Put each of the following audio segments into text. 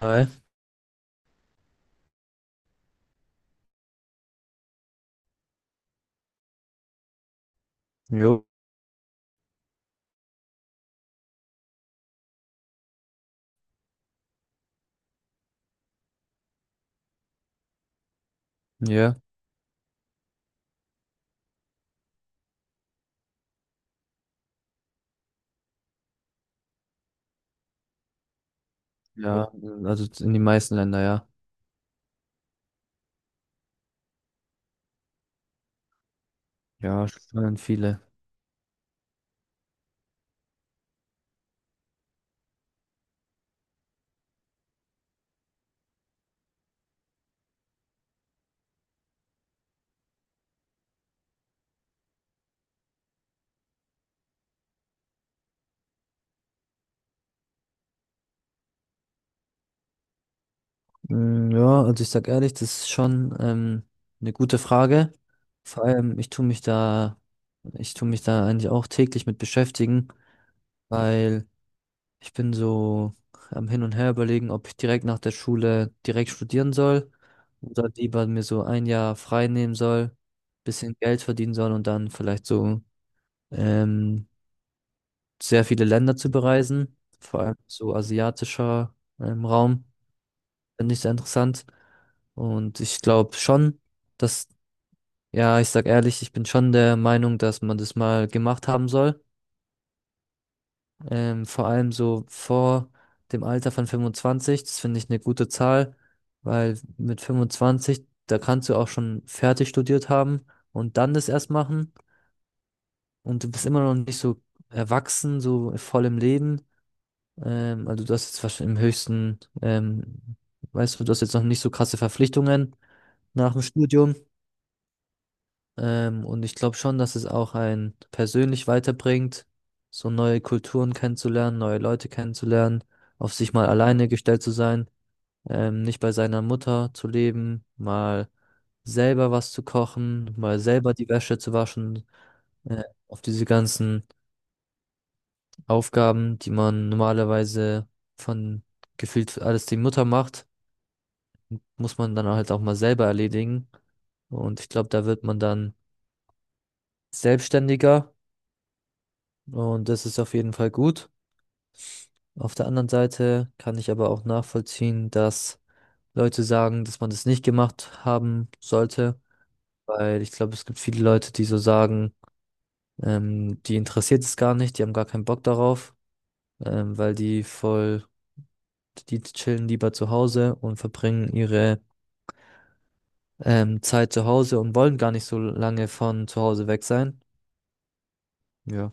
Hi. Jo, ja, ja, also in die meisten Länder, ja. Ja. Schon viele. Mm, ja, also ich sag ehrlich, das ist schon eine gute Frage. Vor allem, ich tue mich da eigentlich auch täglich mit beschäftigen, weil ich bin so am Hin und Her überlegen, ob ich direkt nach der Schule direkt studieren soll oder lieber mir so ein Jahr frei nehmen soll, bisschen Geld verdienen soll und dann vielleicht so ähm, sehr viele Länder zu bereisen, vor allem so asiatischer Raum, finde ich sehr interessant. Und ich glaube schon, dass, ja, ich sag ehrlich, ich bin schon der Meinung, dass man das mal gemacht haben soll. Vor allem so vor dem Alter von 25, das finde ich eine gute Zahl, weil mit 25, da kannst du auch schon fertig studiert haben und dann das erst machen und du bist immer noch nicht so erwachsen, so voll im Leben. Also du hast jetzt wahrscheinlich im höchsten, weißt du, du hast jetzt noch nicht so krasse Verpflichtungen nach dem Studium. Und ich glaube schon, dass es auch einen persönlich weiterbringt, so neue Kulturen kennenzulernen, neue Leute kennenzulernen, auf sich mal alleine gestellt zu sein, nicht bei seiner Mutter zu leben, mal selber was zu kochen, mal selber die Wäsche zu waschen, äh, auf diese ganzen Aufgaben, die man normalerweise von gefühlt alles die Mutter macht, muss man dann halt auch mal selber erledigen. Und ich glaube, da wird man dann selbstständiger und das ist auf jeden Fall gut. Auf der anderen Seite kann ich aber auch nachvollziehen, dass Leute sagen, dass man das nicht gemacht haben sollte, weil ich glaube, es gibt viele Leute, die so sagen, die interessiert es gar nicht, die haben gar keinen Bock darauf, weil die voll, die chillen lieber zu Hause und verbringen ihre Zeit zu Hause und wollen gar nicht so lange von zu Hause weg sein. Ja.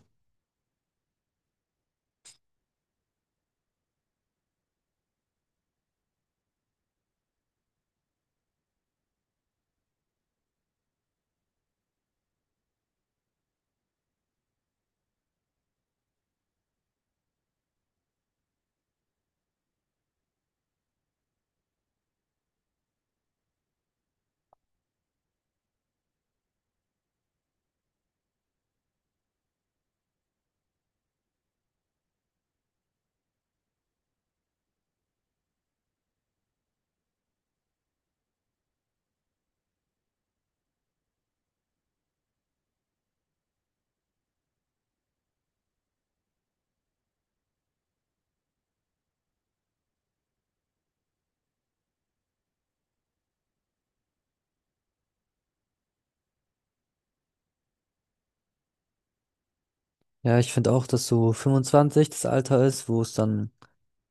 Ja, ich finde auch, dass so 25 das Alter ist, wo es dann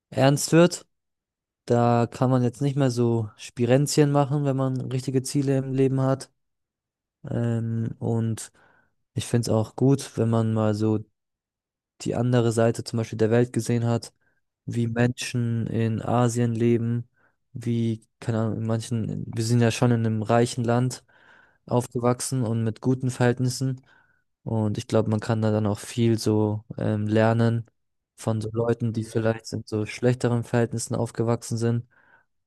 ernst wird. Da kann man jetzt nicht mehr so Spirenzchen machen, wenn man richtige Ziele im Leben hat. Und ich finde es auch gut, wenn man mal so die andere Seite zum Beispiel der Welt gesehen hat, wie Menschen in Asien leben, wie, keine Ahnung, in manchen, wir sind ja schon in einem reichen Land aufgewachsen und mit guten Verhältnissen. Und ich glaube, man kann da dann auch viel so lernen von so Leuten, die vielleicht in so schlechteren Verhältnissen aufgewachsen sind.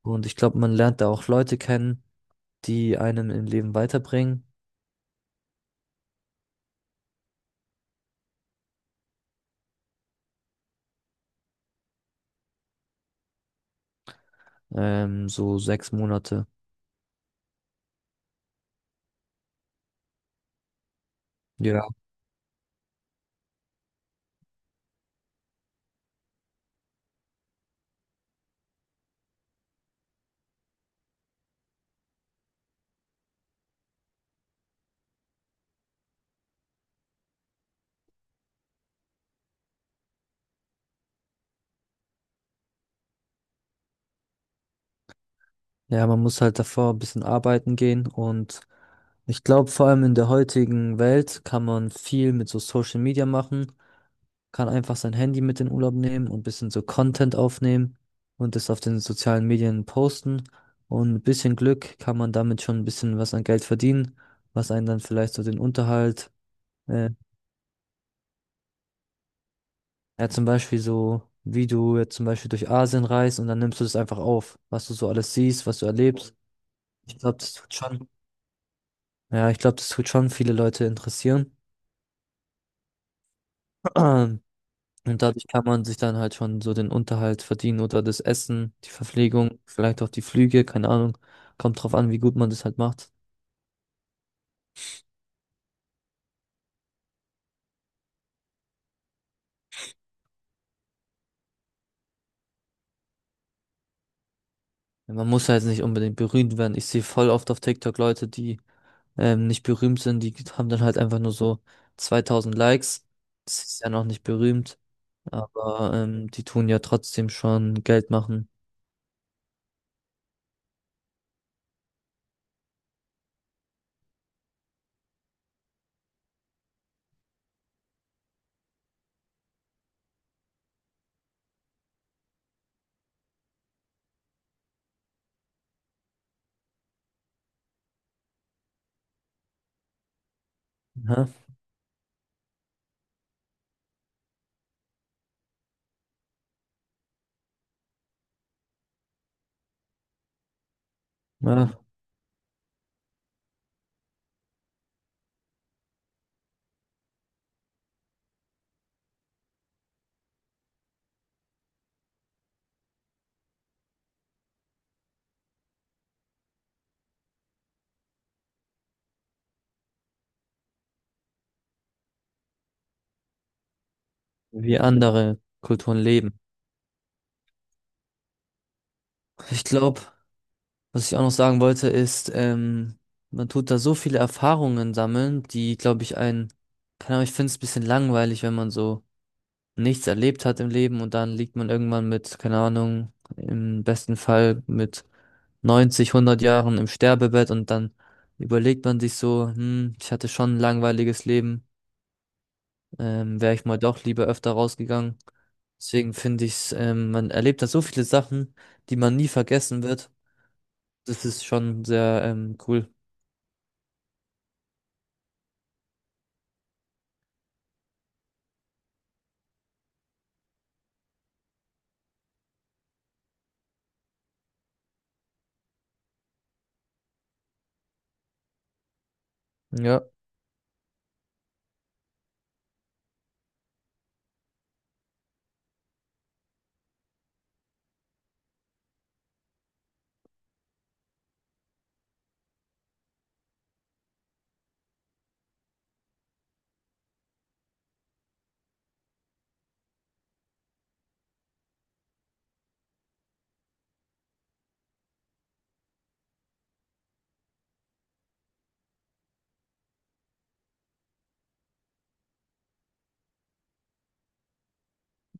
Und ich glaube, man lernt da auch Leute kennen, die einem im Leben weiterbringen. So 6 Monate. Ja. Ja, man muss halt davor ein bisschen arbeiten gehen und ich glaube, vor allem in der heutigen Welt kann man viel mit so Social Media machen, kann einfach sein Handy mit in den Urlaub nehmen und ein bisschen so Content aufnehmen und das auf den sozialen Medien posten. Und mit bisschen Glück kann man damit schon ein bisschen was an Geld verdienen, was einen dann vielleicht so den Unterhalt, äh, ja zum Beispiel so, wie du jetzt zum Beispiel durch Asien reist und dann nimmst du das einfach auf, was du so alles siehst, was du erlebst. Ich glaube, das tut schon Ja, ich glaube, das tut schon viele Leute interessieren. Und dadurch kann man sich dann halt schon so den Unterhalt verdienen oder das Essen, die Verpflegung, vielleicht auch die Flüge, keine Ahnung. Kommt drauf an, wie gut man das halt macht. Ja, man muss halt nicht unbedingt berühmt werden. Ich sehe voll oft auf TikTok Leute, die nicht berühmt sind, die haben dann halt einfach nur so 2000 Likes. Das ist ja noch nicht berühmt, aber die tun ja trotzdem schon Geld machen. Ja, ja, wie andere Kulturen leben. Ich glaube, Was ich auch noch sagen wollte, ist, man tut da so viele Erfahrungen sammeln, die, glaube ich, einen, keine Ahnung, ich finde es ein bisschen langweilig, wenn man so nichts erlebt hat im Leben und dann liegt man irgendwann mit, keine Ahnung, im besten Fall mit 90, 100 Jahren im Sterbebett und dann überlegt man sich so, hm, ich hatte schon ein langweiliges Leben, wäre ich mal doch lieber öfter rausgegangen. Deswegen finde ich, man erlebt da so viele Sachen, die man nie vergessen wird. Das ist schon sehr, cool. Ja,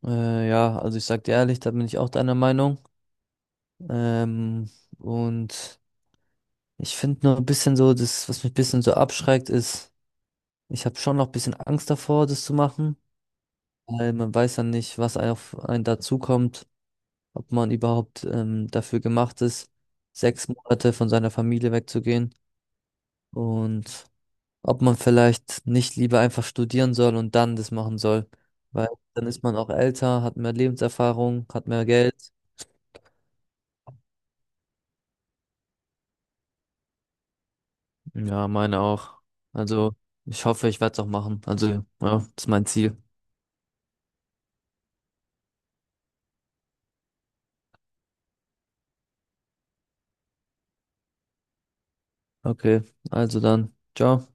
ja, also ich sag dir ehrlich, da bin ich auch deiner Meinung. Ähm, und ich finde nur ein bisschen so, das, was mich ein bisschen so abschreckt, ist, ich habe schon noch ein bisschen Angst davor, das zu machen, weil man weiß ja nicht, was auf einen dazukommt, ob man überhaupt dafür gemacht ist, 6 Monate von seiner Familie wegzugehen und ob man vielleicht nicht lieber einfach studieren soll und dann das machen soll, weil dann ist man auch älter, hat mehr Lebenserfahrung, hat mehr Geld. Ja, meine auch. Also, ich hoffe, ich werde es auch machen. Also, ja, das ist mein Ziel. Okay, also dann. Ciao.